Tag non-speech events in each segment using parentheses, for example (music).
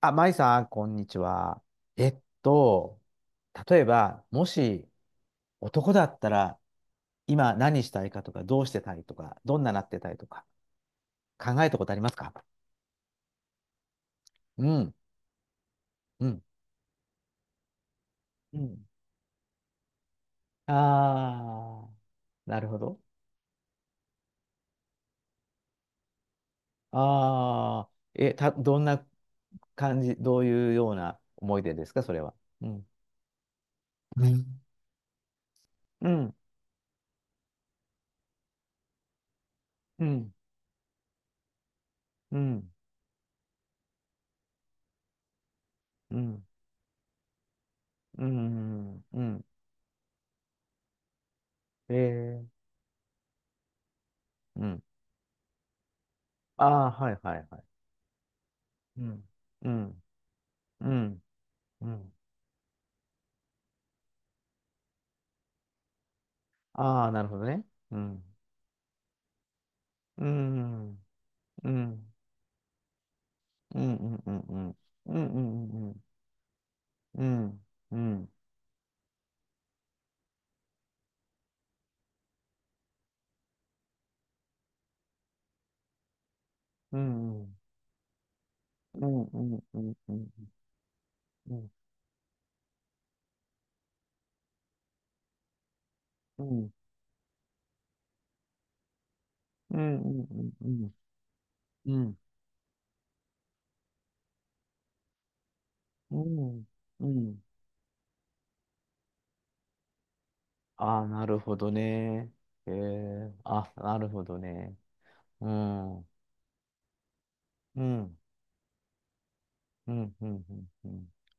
あ、まいさん、こんにちは。えっと、例えば、もし男だったら、今何したいかとか、どうしてたいとか、どんななってたいとか、考えたことありますか？うん、うん、うん。ああ、なるほど。ああ、どんな感じ、どういうような思い出ですか、それは。うん、うん。うん、うん、うん、うん、うん、うん、うんえーうん、ああ、はいはいはい。うん。うん、うん、うん。ああ、なるほどね。うん、うん、うん、うん、うん、うん、うん、うん、うん、うん、うん、うん、うん、うん、うん、うん、うん、うん、うん、うん、ああ、なるほどね。ええ、あ、なるほどね。うん、うん、うん、うん、うん、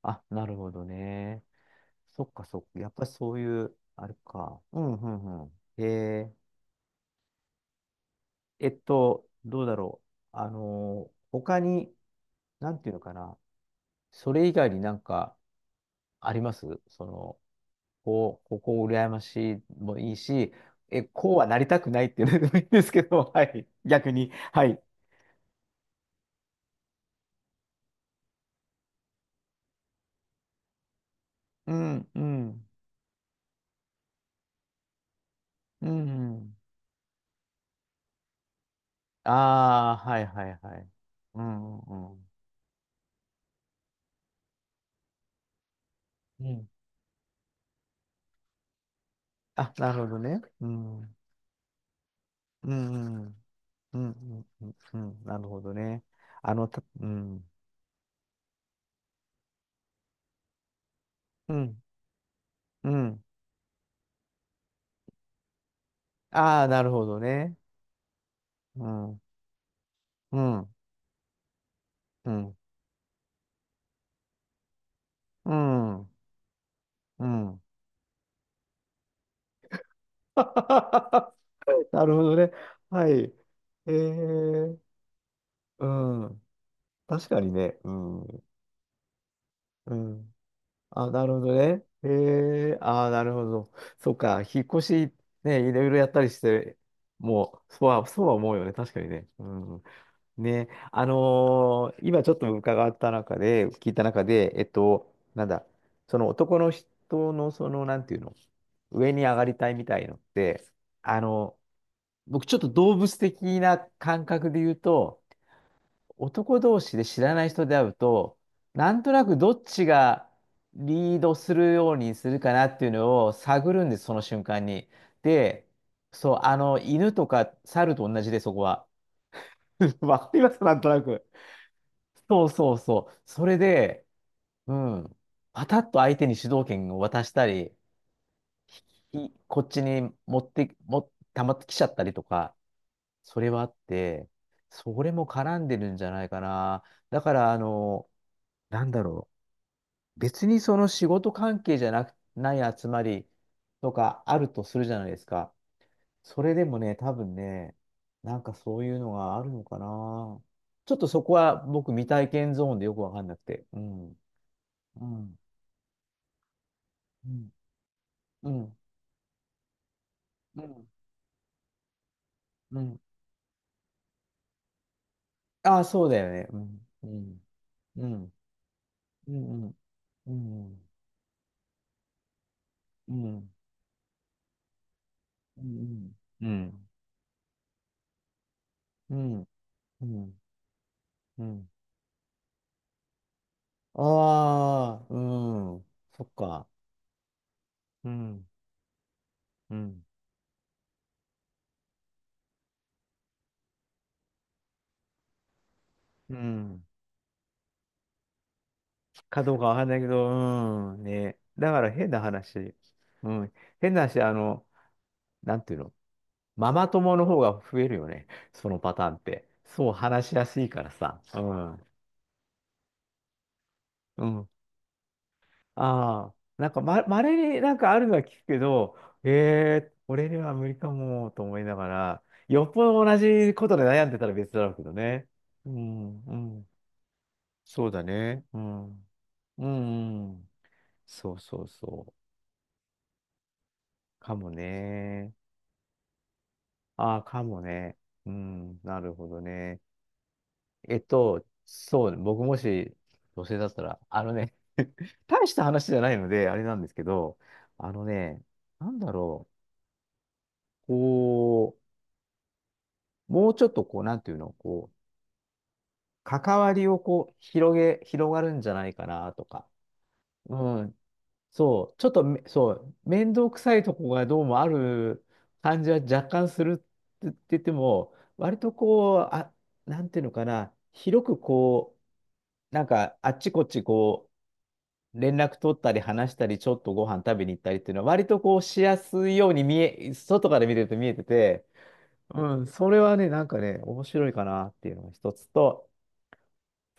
あ、なるほどね。そっかそっか。やっぱりそういう、あれか。うんうんうん。へえ。どうだろう。他に、なんていうのかな。それ以外になんかありますその、こう、ここ羨ましいもいいし、こうはなりたくないっていうのでもいいんですけど、(laughs) はい。逆に。はい。うん、うん。うん、うん。ああ、はいはいはい。うん、うん、うん。うん、あ、なるほどね。うん。うん、うん。うん、うん、うん、うんなるほどね。うん、うん、うん。ああ、なるほどね。うん、うん、うん、うん、(laughs) うん。(laughs) なるほどね。はい。えー、うん。確かにね。うん、うん。あ、なるほどね。えー、ああ、なるほど。そっか、引っ越し、ね、いろいろやったりして、もう、そうは思うよね。確かにね。うん。ね、今ちょっと伺った中で、聞いた中で、なんだ、その男の人の、その、なんていうの、上に上がりたいみたいのって、あの、僕ちょっと動物的な感覚で言うと、男同士で知らない人で会うと、なんとなくどっちがリードするようにするかなっていうのを探るんです、その瞬間に。で、そう、あの、犬とか猿と同じで、そこは。(laughs) わかります、なんとなく。そうそうそう。それで、うん。パタッと相手に主導権を渡したり、いこっちに持って、も、たまってきちゃったりとか、それはあって、それも絡んでるんじゃないかな。だから、あの、なんだろう。別にその仕事関係じゃなく、ない集まりとかあるとするじゃないですか。それでもね、多分ね、なんかそういうのがあるのかな。ちょっとそこは僕未体験ゾーンでよくわかんなくて。うん。うん。うん、うん、うん、うん。ああ、そうだよね。うん、うん、うん、うん、うん、うん、うん、うん、うん、うん、うん、ああ、うん、そっか。うん、うん、うん。かどうかわかんないけど、うん、ね。だから変な話。うん、変な話、あの、なんていうの、ママ友の方が増えるよね。そのパターンって。そう話しやすいからさ。うん。うんああ、なんかま、稀になんかあるのは聞くけど、ええ俺には無理かもと思いながら、よっぽど同じことで悩んでたら別だろうけどね。うん、うん、そうだね。うん、うん、うんそうそうそう。かもね。ああ、かもね。うん、なるほどね。そうね、僕もし女性だったら、あのね、(laughs) 大した話じゃないので、あれなんですけど、あのね、なんだろう、こう、もうちょっとこう、なんていうの、こう、関わりをこう、広がるんじゃないかなとか。うん。そう、ちょっとめ、そう、面倒くさいとこがどうもある感じは若干するって言っても、割とこう、あ、なんていうのかな、広くこう、なんか、あっちこっちこう、連絡取ったり話したり、ちょっとご飯食べに行ったりっていうのは、割とこう、しやすいように見え、外から見てると見えてて、うん、それはね、なんかね、面白いかなっていうのが一つと、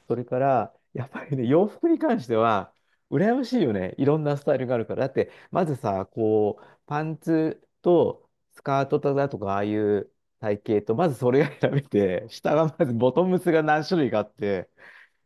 それから、やっぱりね、洋服に関しては、羨ましいよね。いろんなスタイルがあるから。だって、まずさ、こう、パンツとスカートだとか、ああいう体型と、まずそれが選べて、下がまずボトムスが何種類かあって、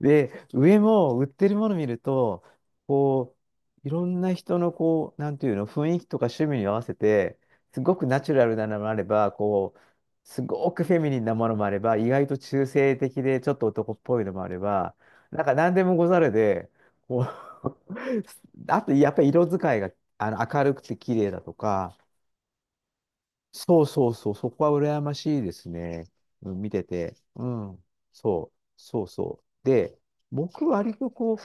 で、上も売ってるもの見ると、こう、いろんな人のこう、なんていうの、雰囲気とか趣味に合わせて、すごくナチュラルなのもあれば、こう、すごくフェミニンなものもあれば、意外と中性的でちょっと男っぽいのもあれば、なんか何でもござるで、こう (laughs) あとやっぱり色使いがあの明るくて綺麗だとか、そうそうそう、そこは羨ましいですね。うん、見てて。うん。そう、そうそう。で、僕割とこう、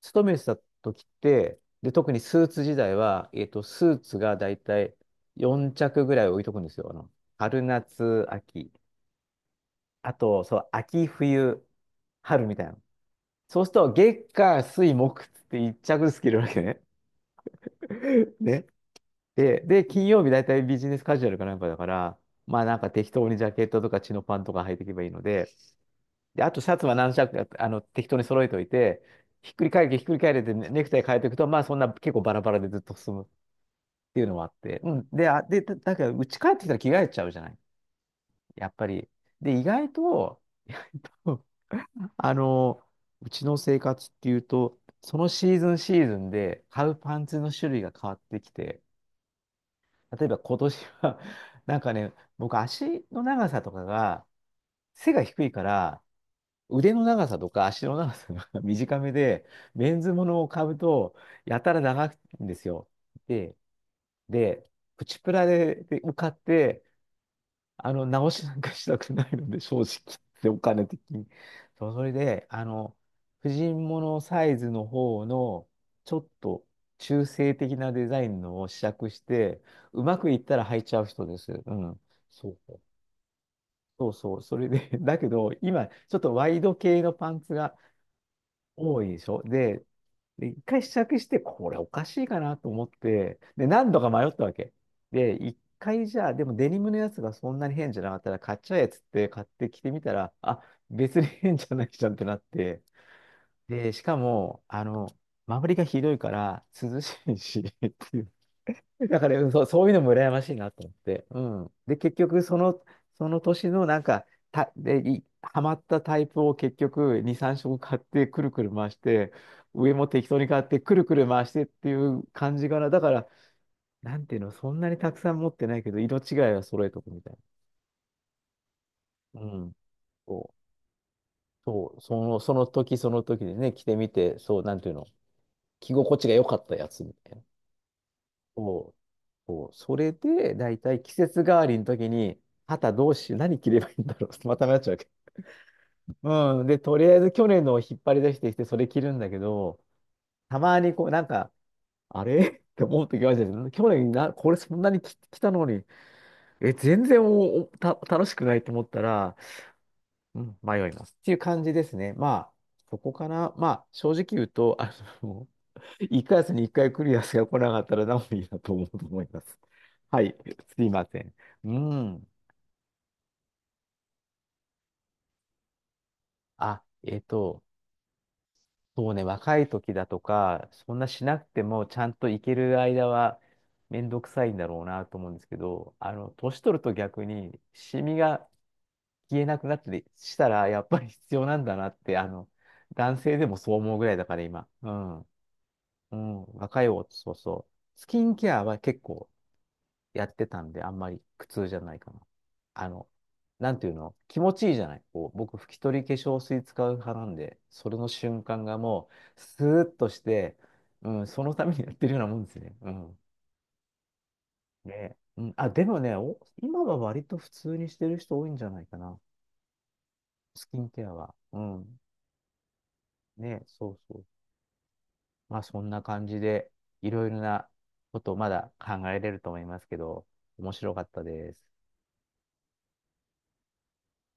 勤めてた時って、で、特にスーツ時代は、スーツがだいたい4着ぐらい置いとくんですよ。あの、春、夏、秋。あと、そう、秋、冬、春みたいな。そうすると、月、火、水、木って一着ずつ着るわけね。(laughs) ね。で、金曜日大体ビジネスカジュアルかなんかだから、まあなんか適当にジャケットとかチノパンとか履いていけばいいので、で、あとシャツは何着か、あの、適当に揃えておいて、ひっくり返れてねネクタイ変えていくと、まあそんな結構バラバラでずっと進むっていうのもあって、うん。で、あ、で、だけど、家帰ってきたら着替えちゃうじゃない。やっぱり。で、意外とあの、うちの生活っていうと、そのシーズンシーズンで買うパンツの種類が変わってきて、例えば今年は (laughs) なんかね、僕足の長さとかが、背が低いから、腕の長さとか足の長さが (laughs) 短めで、メンズものを買うと、やたら長いんですよ。で、で、プチプラで、で買って、あの、直しなんかしたくないので、正直。で、お金的に。そう、それで、あの、婦人物サイズの方の、ちょっと中性的なデザインのを試着して、うまくいったら履いちゃう人です。うん。そう。そうそう。それで、(laughs) だけど、今、ちょっとワイド系のパンツが、多いでしょで、で一回試着して、これおかしいかなと思って、で、何度か迷ったわけ。で、一回じゃあ、でもデニムのやつがそんなに変じゃなかったら、買っちゃえっつって買って着てみたら、あ、別に変じゃないじゃんってなって、で、しかも、あの、周りがひどいから、涼しいし (laughs) っていう (laughs) だから、うんそう、そういうのも羨ましいなと思って。うん。で、結局、その、その年のなんか、た、で、い、ハマったタイプを結局、2、3色買って、くるくる回して、上も適当に買って、くるくる回してっていう感じかな。だから、なんていうの、そんなにたくさん持ってないけど、色違いは揃えとくみたいな。うん。そう、そう、その、その時その時でね、着てみて、そう、なんていうの、着心地が良かったやつみたいな。そう、そう、それで、だいたい季節代わりの時に、肩どうしよう、何着ればいいんだろう。(laughs) また迷っちゃうけど。うん。で、とりあえず去年のを引っ張り出してきて、それ着るんだけど、たまにこう、なんか、あれ (laughs) って思う時があるじゃないですか去年な、これそんなに着たのに、え、全然お、おた、楽しくないと思ったら、うん、迷います。っていう感じですね。まあ、そこかな。まあ、正直言うと、あの、1ヶ月に1回来るやつが来なかったら何もいいなと思うと思います。はい、すいません。うん。あ、そうね、若い時だとか、そんなしなくてもちゃんと行ける間はめんどくさいんだろうなと思うんですけど、あの、年取ると逆にシミが消えなくなったりしたらやっぱり必要なんだなって、あの、男性でもそう思うぐらいだから今。うん。うん、若いお、そうそう。スキンケアは結構やってたんで、あんまり苦痛じゃないかな。あの、なんていうの、気持ちいいじゃない。こう、僕、拭き取り化粧水使う派なんで、それの瞬間がもう、スーッとして、うん、そのためにやってるようなもんですね。うん。ね、うん、あ、でもね、お、今は割と普通にしてる人多いんじゃないかな。スキンケアは。うん。ね、そうそう。まあ、そんな感じで、いろいろなことをまだ考えれると思いますけど、面白かったです。